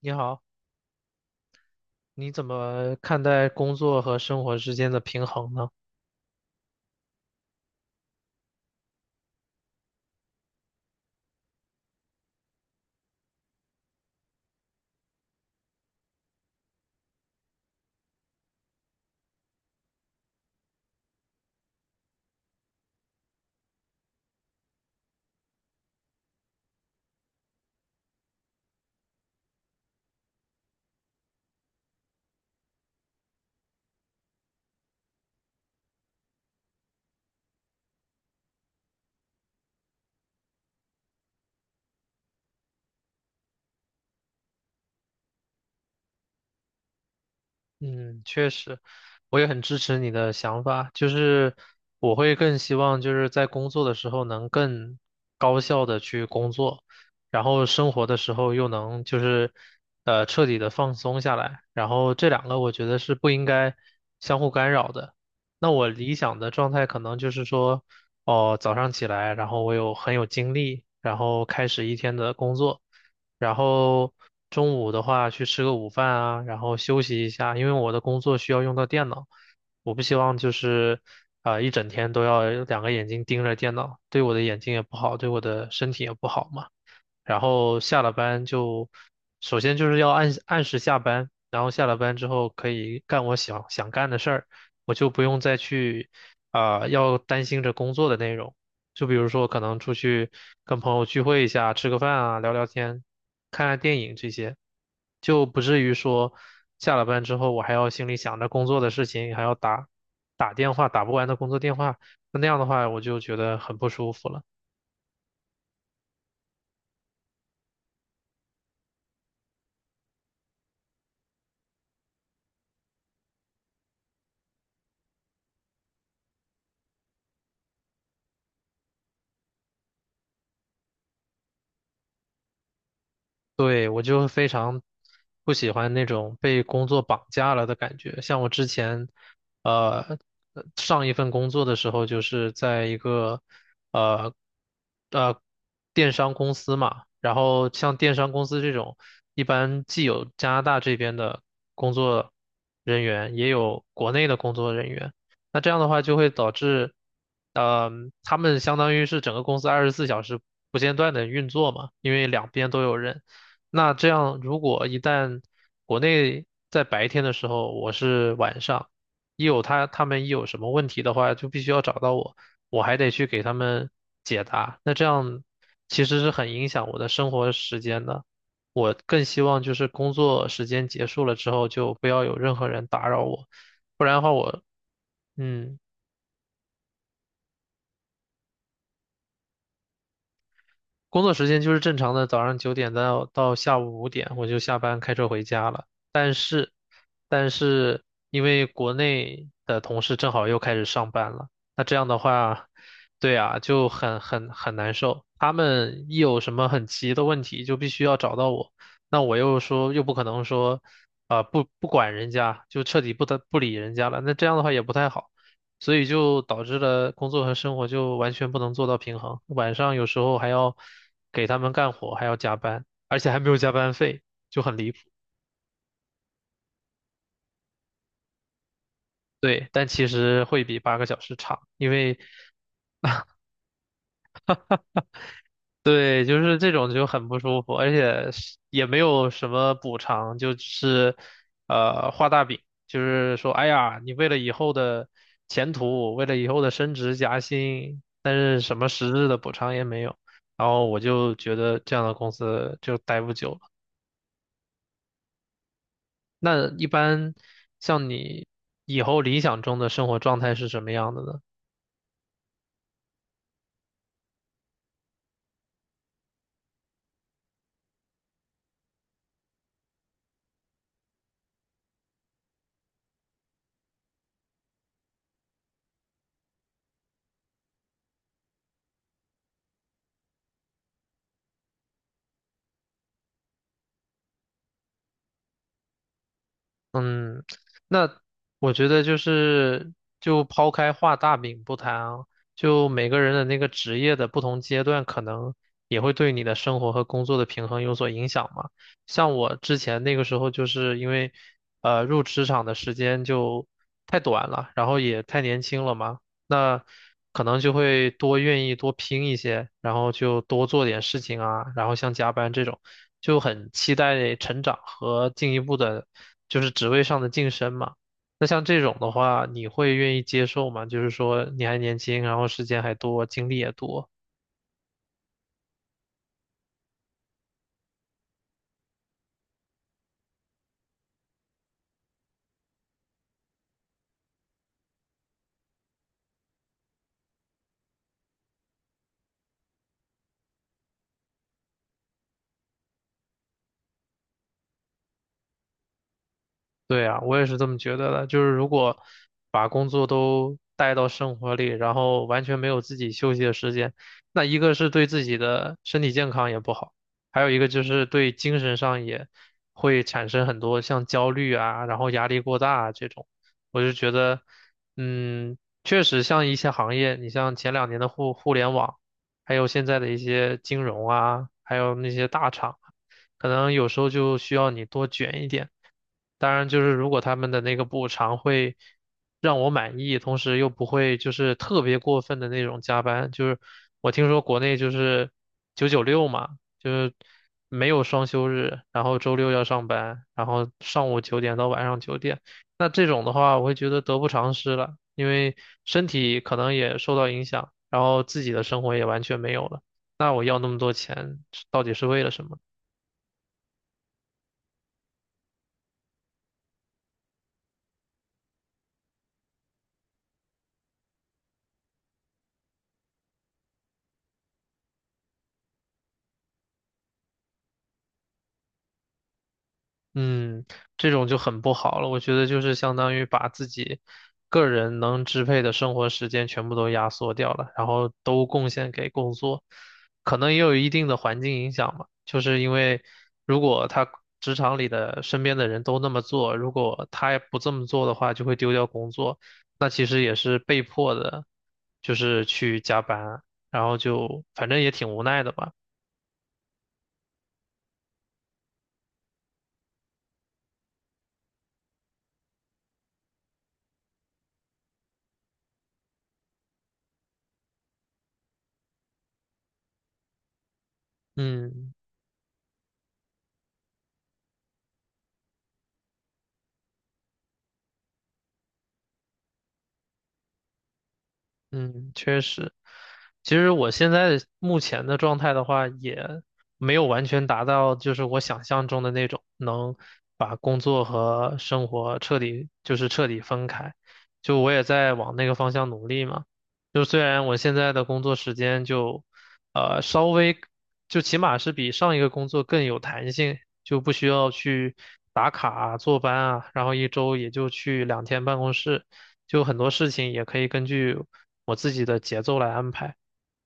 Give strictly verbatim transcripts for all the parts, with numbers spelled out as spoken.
你好，你怎么看待工作和生活之间的平衡呢？嗯，确实，我也很支持你的想法，就是我会更希望就是在工作的时候能更高效的去工作，然后生活的时候又能就是呃彻底的放松下来，然后这两个我觉得是不应该相互干扰的。那我理想的状态可能就是说，哦，早上起来，然后我有很有精力，然后开始一天的工作。然后中午的话去吃个午饭啊，然后休息一下，因为我的工作需要用到电脑，我不希望就是啊、呃一整天都要两个眼睛盯着电脑，对我的眼睛也不好，对我的身体也不好嘛。然后下了班就，首先就是要按按时下班，然后下了班之后可以干我想想干的事儿，我就不用再去啊、要担心着工作的内容。就比如说可能出去跟朋友聚会一下，吃个饭啊，聊聊天，看看电影这些，就不至于说下了班之后我还要心里想着工作的事情，还要打打电话打不完的工作电话，那样的话我就觉得很不舒服了。对，我就非常不喜欢那种被工作绑架了的感觉。像我之前，呃，呃上一份工作的时候，就是在一个呃呃电商公司嘛。然后像电商公司这种，一般既有加拿大这边的工作人员，也有国内的工作人员。那这样的话，就会导致，呃，他们相当于是整个公司二十四小时不间断的运作嘛，因为两边都有人。那这样，如果一旦国内在白天的时候，我是晚上，一有他他们一有什么问题的话，就必须要找到我，我还得去给他们解答。那这样其实是很影响我的生活时间的。我更希望就是工作时间结束了之后，就不要有任何人打扰我，不然的话我，嗯，工作时间就是正常的早上九点到到下午五点，我就下班开车回家了。但是因为国内的同事正好又开始上班了，那这样的话，对啊，就很很很难受。他们一有什么很急的问题，就必须要找到我，那我又说又不可能说，啊、不不管人家，就彻底不得不理人家了，那这样的话也不太好，所以就导致了工作和生活就完全不能做到平衡，晚上有时候还要给他们干活，还要加班，而且还没有加班费，就很离谱。对，但其实会比八个小时长，因为。对，就是这种就很不舒服，而且是也没有什么补偿，就是呃画大饼，就是说，哎呀，你为了以后的前途，为了以后的升职加薪，但是什么实质的补偿也没有，然后我就觉得这样的公司就待不久了。那一般像你以后理想中的生活状态是什么样的呢？嗯，那我觉得就是，就抛开画大饼不谈啊，就每个人的那个职业的不同阶段，可能也会对你的生活和工作的平衡有所影响嘛。像我之前那个时候，就是因为，呃，入职场的时间就太短了，然后也太年轻了嘛，那可能就会多愿意多拼一些，然后就多做点事情啊，然后像加班这种，就很期待成长和进一步的，就是职位上的晋升嘛。那像这种的话，你会愿意接受吗？就是说你还年轻，然后时间还多，精力也多。对啊，我也是这么觉得的。就是如果把工作都带到生活里，然后完全没有自己休息的时间，那一个是对自己的身体健康也不好，还有一个就是对精神上也会产生很多像焦虑啊，然后压力过大啊这种。我就觉得，嗯，确实像一些行业，你像前两年的互互联网，还有现在的一些金融啊，还有那些大厂啊，可能有时候就需要你多卷一点。当然，就是如果他们的那个补偿会让我满意，同时又不会就是特别过分的那种加班，就是我听说国内就是九九六嘛，就是没有双休日，然后周六要上班，然后上午九点到晚上九点，那这种的话，我会觉得得不偿失了，因为身体可能也受到影响，然后自己的生活也完全没有了，那我要那么多钱到底是为了什么呢？嗯，这种就很不好了。我觉得就是相当于把自己个人能支配的生活时间全部都压缩掉了，然后都贡献给工作，可能也有一定的环境影响吧。就是因为如果他职场里的身边的人都那么做，如果他不这么做的话，就会丢掉工作，那其实也是被迫的，就是去加班，然后就反正也挺无奈的吧。嗯。嗯，确实，其实我现在目前的状态的话，也没有完全达到就是我想象中的那种能把工作和生活彻底就是彻底分开，就我也在往那个方向努力嘛。就虽然我现在的工作时间就，呃，稍微，就起码是比上一个工作更有弹性，就不需要去打卡啊、坐班啊，然后一周也就去两天办公室，就很多事情也可以根据我自己的节奏来安排。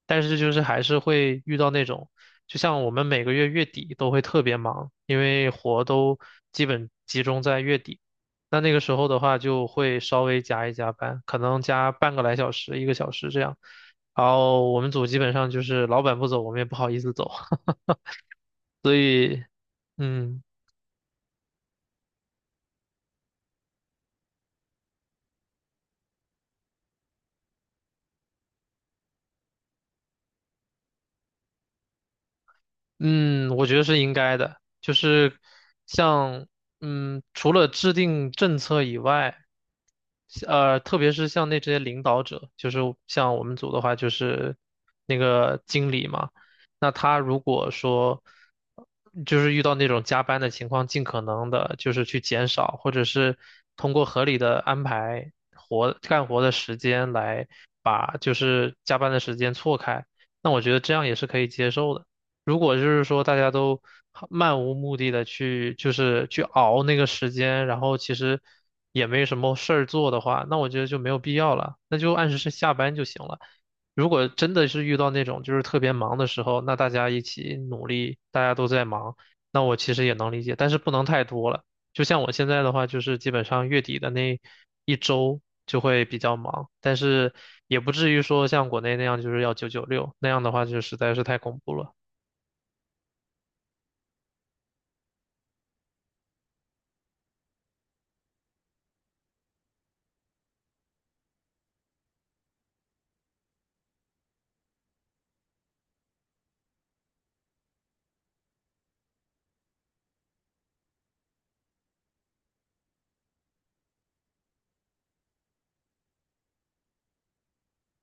但是就是还是会遇到那种，就像我们每个月月底都会特别忙，因为活都基本集中在月底。那那个时候的话，就会稍微加一加班，可能加半个来小时、一个小时这样。然后我们组基本上就是老板不走，我们也不好意思走。所以，嗯，嗯，我觉得是应该的，就是像嗯，除了制定政策以外，呃，特别是像那这些领导者，就是像我们组的话，就是那个经理嘛，那他如果说就是遇到那种加班的情况，尽可能的就是去减少，或者是通过合理的安排活干活的时间来把就是加班的时间错开，那我觉得这样也是可以接受的。如果就是说大家都漫无目的的去，就是去熬那个时间，然后其实也没什么事儿做的话，那我觉得就没有必要了，那就按时下班就行了。如果真的是遇到那种就是特别忙的时候，那大家一起努力，大家都在忙，那我其实也能理解，但是不能太多了。就像我现在的话，就是基本上月底的那一周就会比较忙，但是也不至于说像国内那样就是要九九六，那样的话就实在是太恐怖了。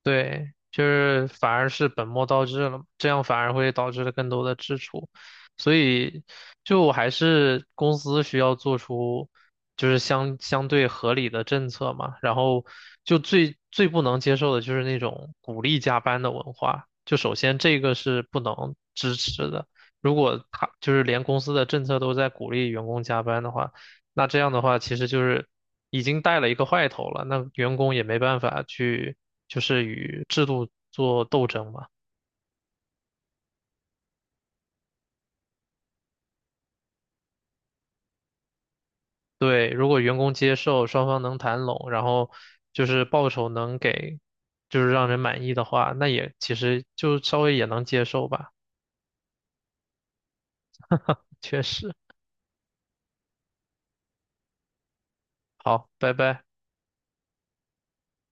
对，就是反而是本末倒置了嘛，这样反而会导致了更多的支出，所以就还是公司需要做出就是相相对合理的政策嘛，然后就最最不能接受的就是那种鼓励加班的文化，就首先这个是不能支持的，如果他就是连公司的政策都在鼓励员工加班的话，那这样的话其实就是已经带了一个坏头了，那员工也没办法去。就是与制度做斗争嘛。对，如果员工接受，双方能谈拢，然后就是报酬能给，就是让人满意的话，那也其实就稍微也能接受吧。确实，好，拜拜。